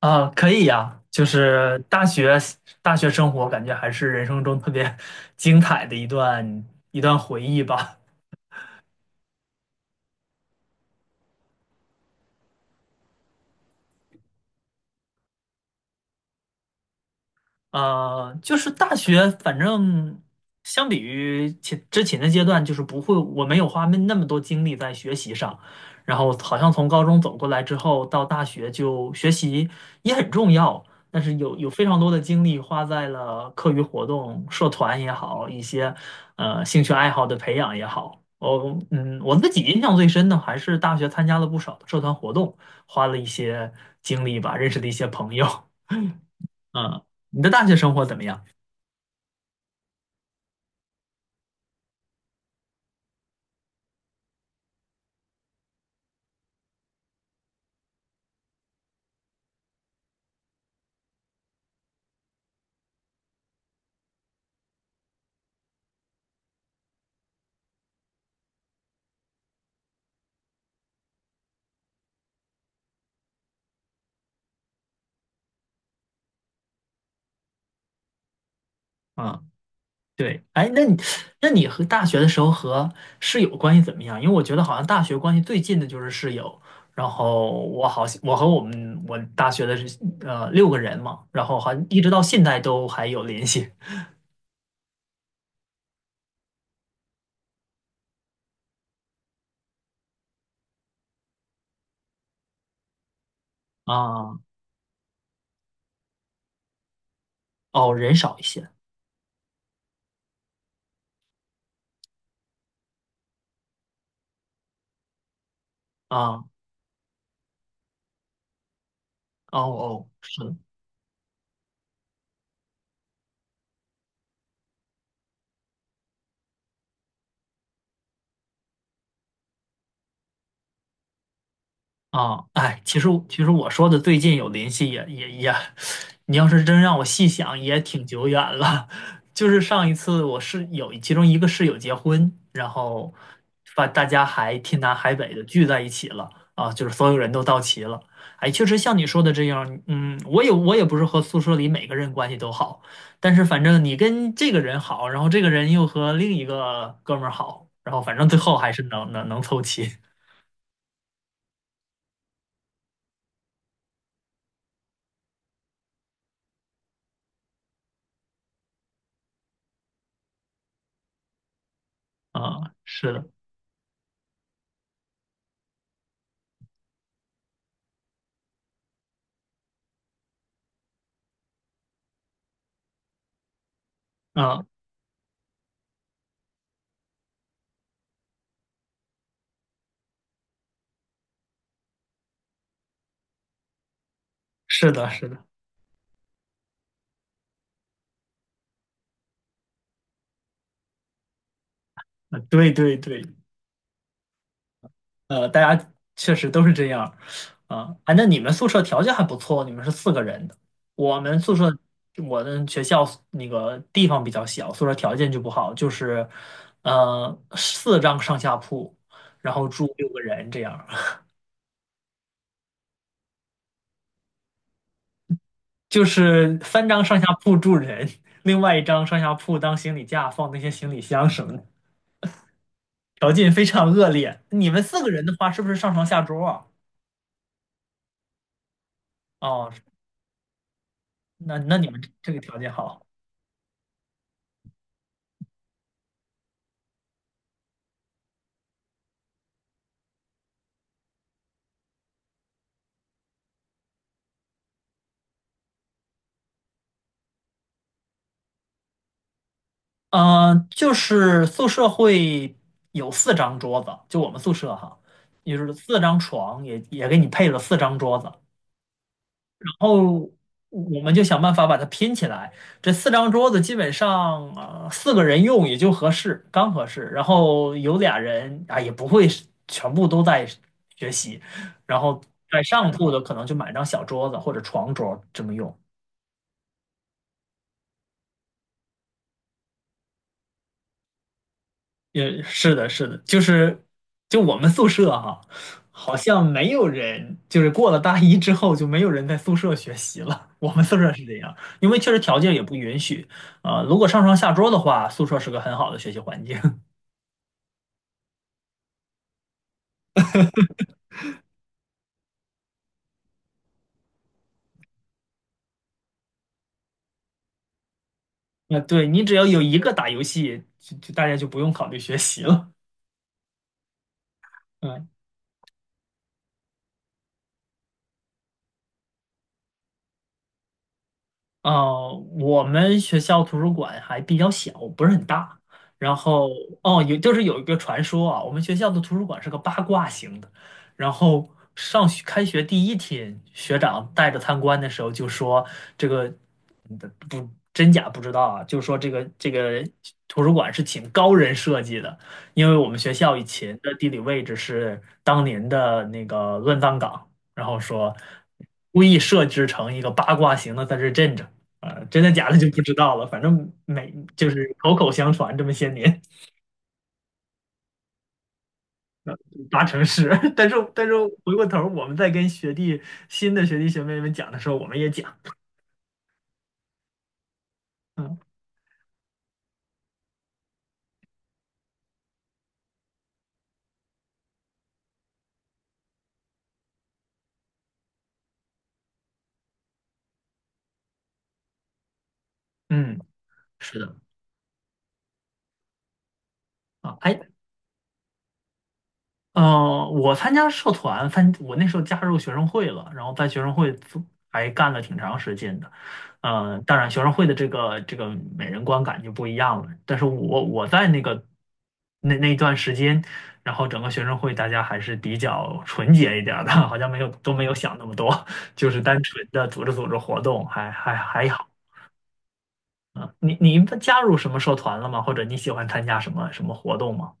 啊，可以呀，就是大学生活，感觉还是人生中特别 精彩的一段回忆吧。就是大学，反正相比于之前的阶段，就是不会，我没有花那么多精力在学习上。然后好像从高中走过来之后，到大学就学习也很重要，但是有非常多的精力花在了课余活动、社团也好，一些兴趣爱好的培养也好。我我自己印象最深的还是大学参加了不少的社团活动，花了一些精力吧，认识了一些朋友。嗯，你的大学生活怎么样？啊，对，哎，那你和大学的时候和室友关系怎么样？因为我觉得好像大学关系最近的就是室友，然后我好像我和我们我大学的是六个人嘛，然后好像一直到现在都还有联系 啊。哦，人少一些啊。哦哦，是啊，哎，其实我说的最近有联系也也也，你要是真让我细想，也挺久远了。就是上一次我室友其中一个室友结婚，然后把大家还天南海北的聚在一起了啊，就是所有人都到齐了。哎，确实像你说的这样，嗯，我也不是和宿舍里每个人关系都好，但是反正你跟这个人好，然后这个人又和另一个哥们儿好，然后反正最后还是能凑齐啊，是的。嗯是的，是的，呃对对对，呃，大家确实都是这样儿，啊，哎，那你们宿舍条件还不错，你们是四个人的，我们宿舍，我的学校那个地方比较小，宿舍条件就不好，就是，呃，4张上下铺，然后住六个人这样儿 就是3张上下铺住人，另外一张上下铺当行李架放那些行李箱什么的，条件非常恶劣。你们四个人的话，是不是上床下桌啊？哦，那那你们这个条件好，嗯、就是宿舍会有四张桌子，就我们宿舍哈，就是4张床也，也给你配了四张桌子，然后我们就想办法把它拼起来。这四张桌子基本上四个人用也就合适，刚合适。然后有俩人啊也不会是全部都在学习，然后在上铺的可能就买张小桌子或者床桌这么用。也是的，是的，就我们宿舍哈、好像没有人，就是过了大一之后就没有人在宿舍学习了。我们宿舍是这样，因为确实条件也不允许如果上床下桌的话，宿舍是个很好的学习环境。那对你只要有一个打游戏，就大家就不用考虑学习了。嗯呃，我们学校图书馆还比较小，不是很大。然后哦，就是有一个传说啊，我们学校的图书馆是个八卦型的。然后上学开学第一天，学长带着参观的时候就说这个嗯不真假不知道啊，就说这个图书馆是请高人设计的，因为我们学校以前的地理位置是当年的那个乱葬岗，然后说故意设置成一个八卦型的在这镇着。啊，真的假的就不知道了，反正每就是口口相传这么些年，呃八成是。但是回过头儿，我们在跟新的学弟学妹们讲的时候，我们也讲，嗯嗯，是的啊，哎，嗯，我参加社团，我那时候加入学生会了，然后在学生会做还干了挺长时间的。嗯，当然学生会的这个每人观感就不一样了。但是我在那个那一段时间，然后整个学生会大家还是比较纯洁一点儿的，好像没有想那么多，就是单纯的组织活动，还好。嗯，你你加入什么社团了吗？或者你喜欢参加什么活动吗？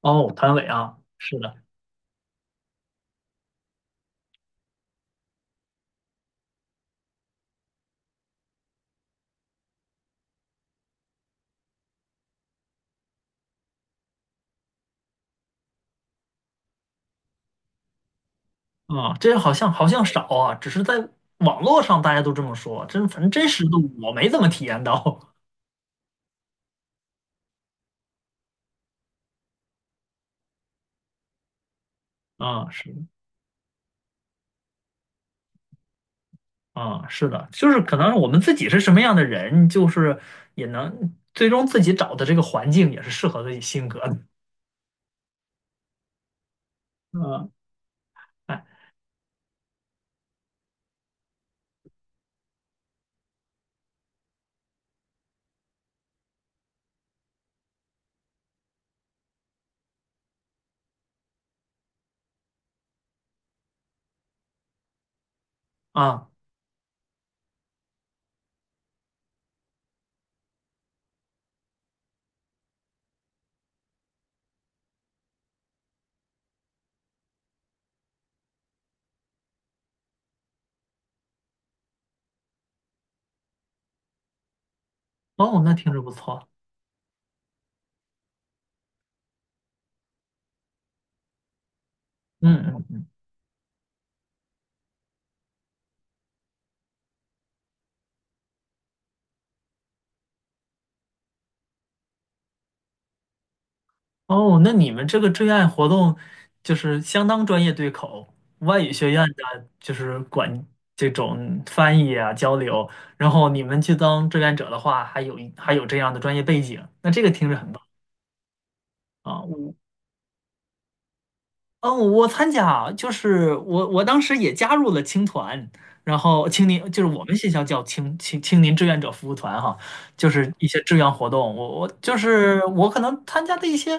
哦，团委啊，是的。啊，这好像少啊，只是在网络上大家都这么说，反正真实的我没怎么体验到。啊，是啊，是的，就是可能我们自己是什么样的人，就是也能最终自己找的这个环境也是适合自己性格的。嗯，哎啊，哦，那听着不错。嗯嗯嗯。哦，那你们这个志愿活动就是相当专业对口，外语学院的就是管这种翻译啊交流，然后你们去当志愿者的话，还有这样的专业背景，那这个听着很棒啊！嗯，我参加啊，就是我我当时也加入了青团，然后青年就是我们学校叫青年志愿者服务团哈，就是一些志愿活动。我我就是我可能参加的一些，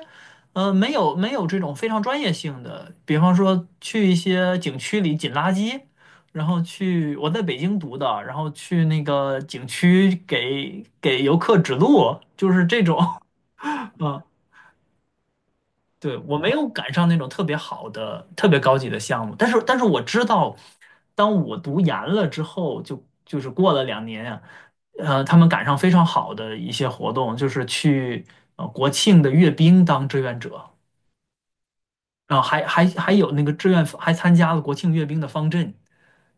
呃，没有这种非常专业性的，比方说去一些景区里捡垃圾，然后去我在北京读的，然后去那个景区给游客指路，就是这种，对，我没有赶上那种特别好的、特别高级的项目，但是，但是我知道，当我读研了之后，就是过了2年呀，呃，他们赶上非常好的一些活动，就是去国庆的阅兵当志愿者，然后还有那个志愿还参加了国庆阅兵的方阵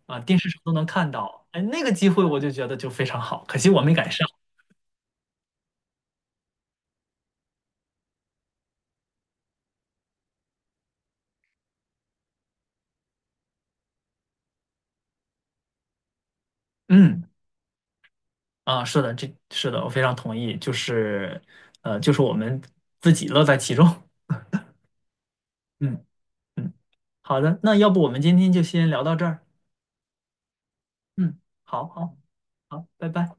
啊，电视上都能看到，哎，那个机会我就觉得就非常好，可惜我没赶上。嗯，啊，是的，这是的，我非常同意，就是呃，就是我们自己乐在其中。嗯。嗯，好的，那要不我们今天就先聊到这儿。嗯，好好，拜拜。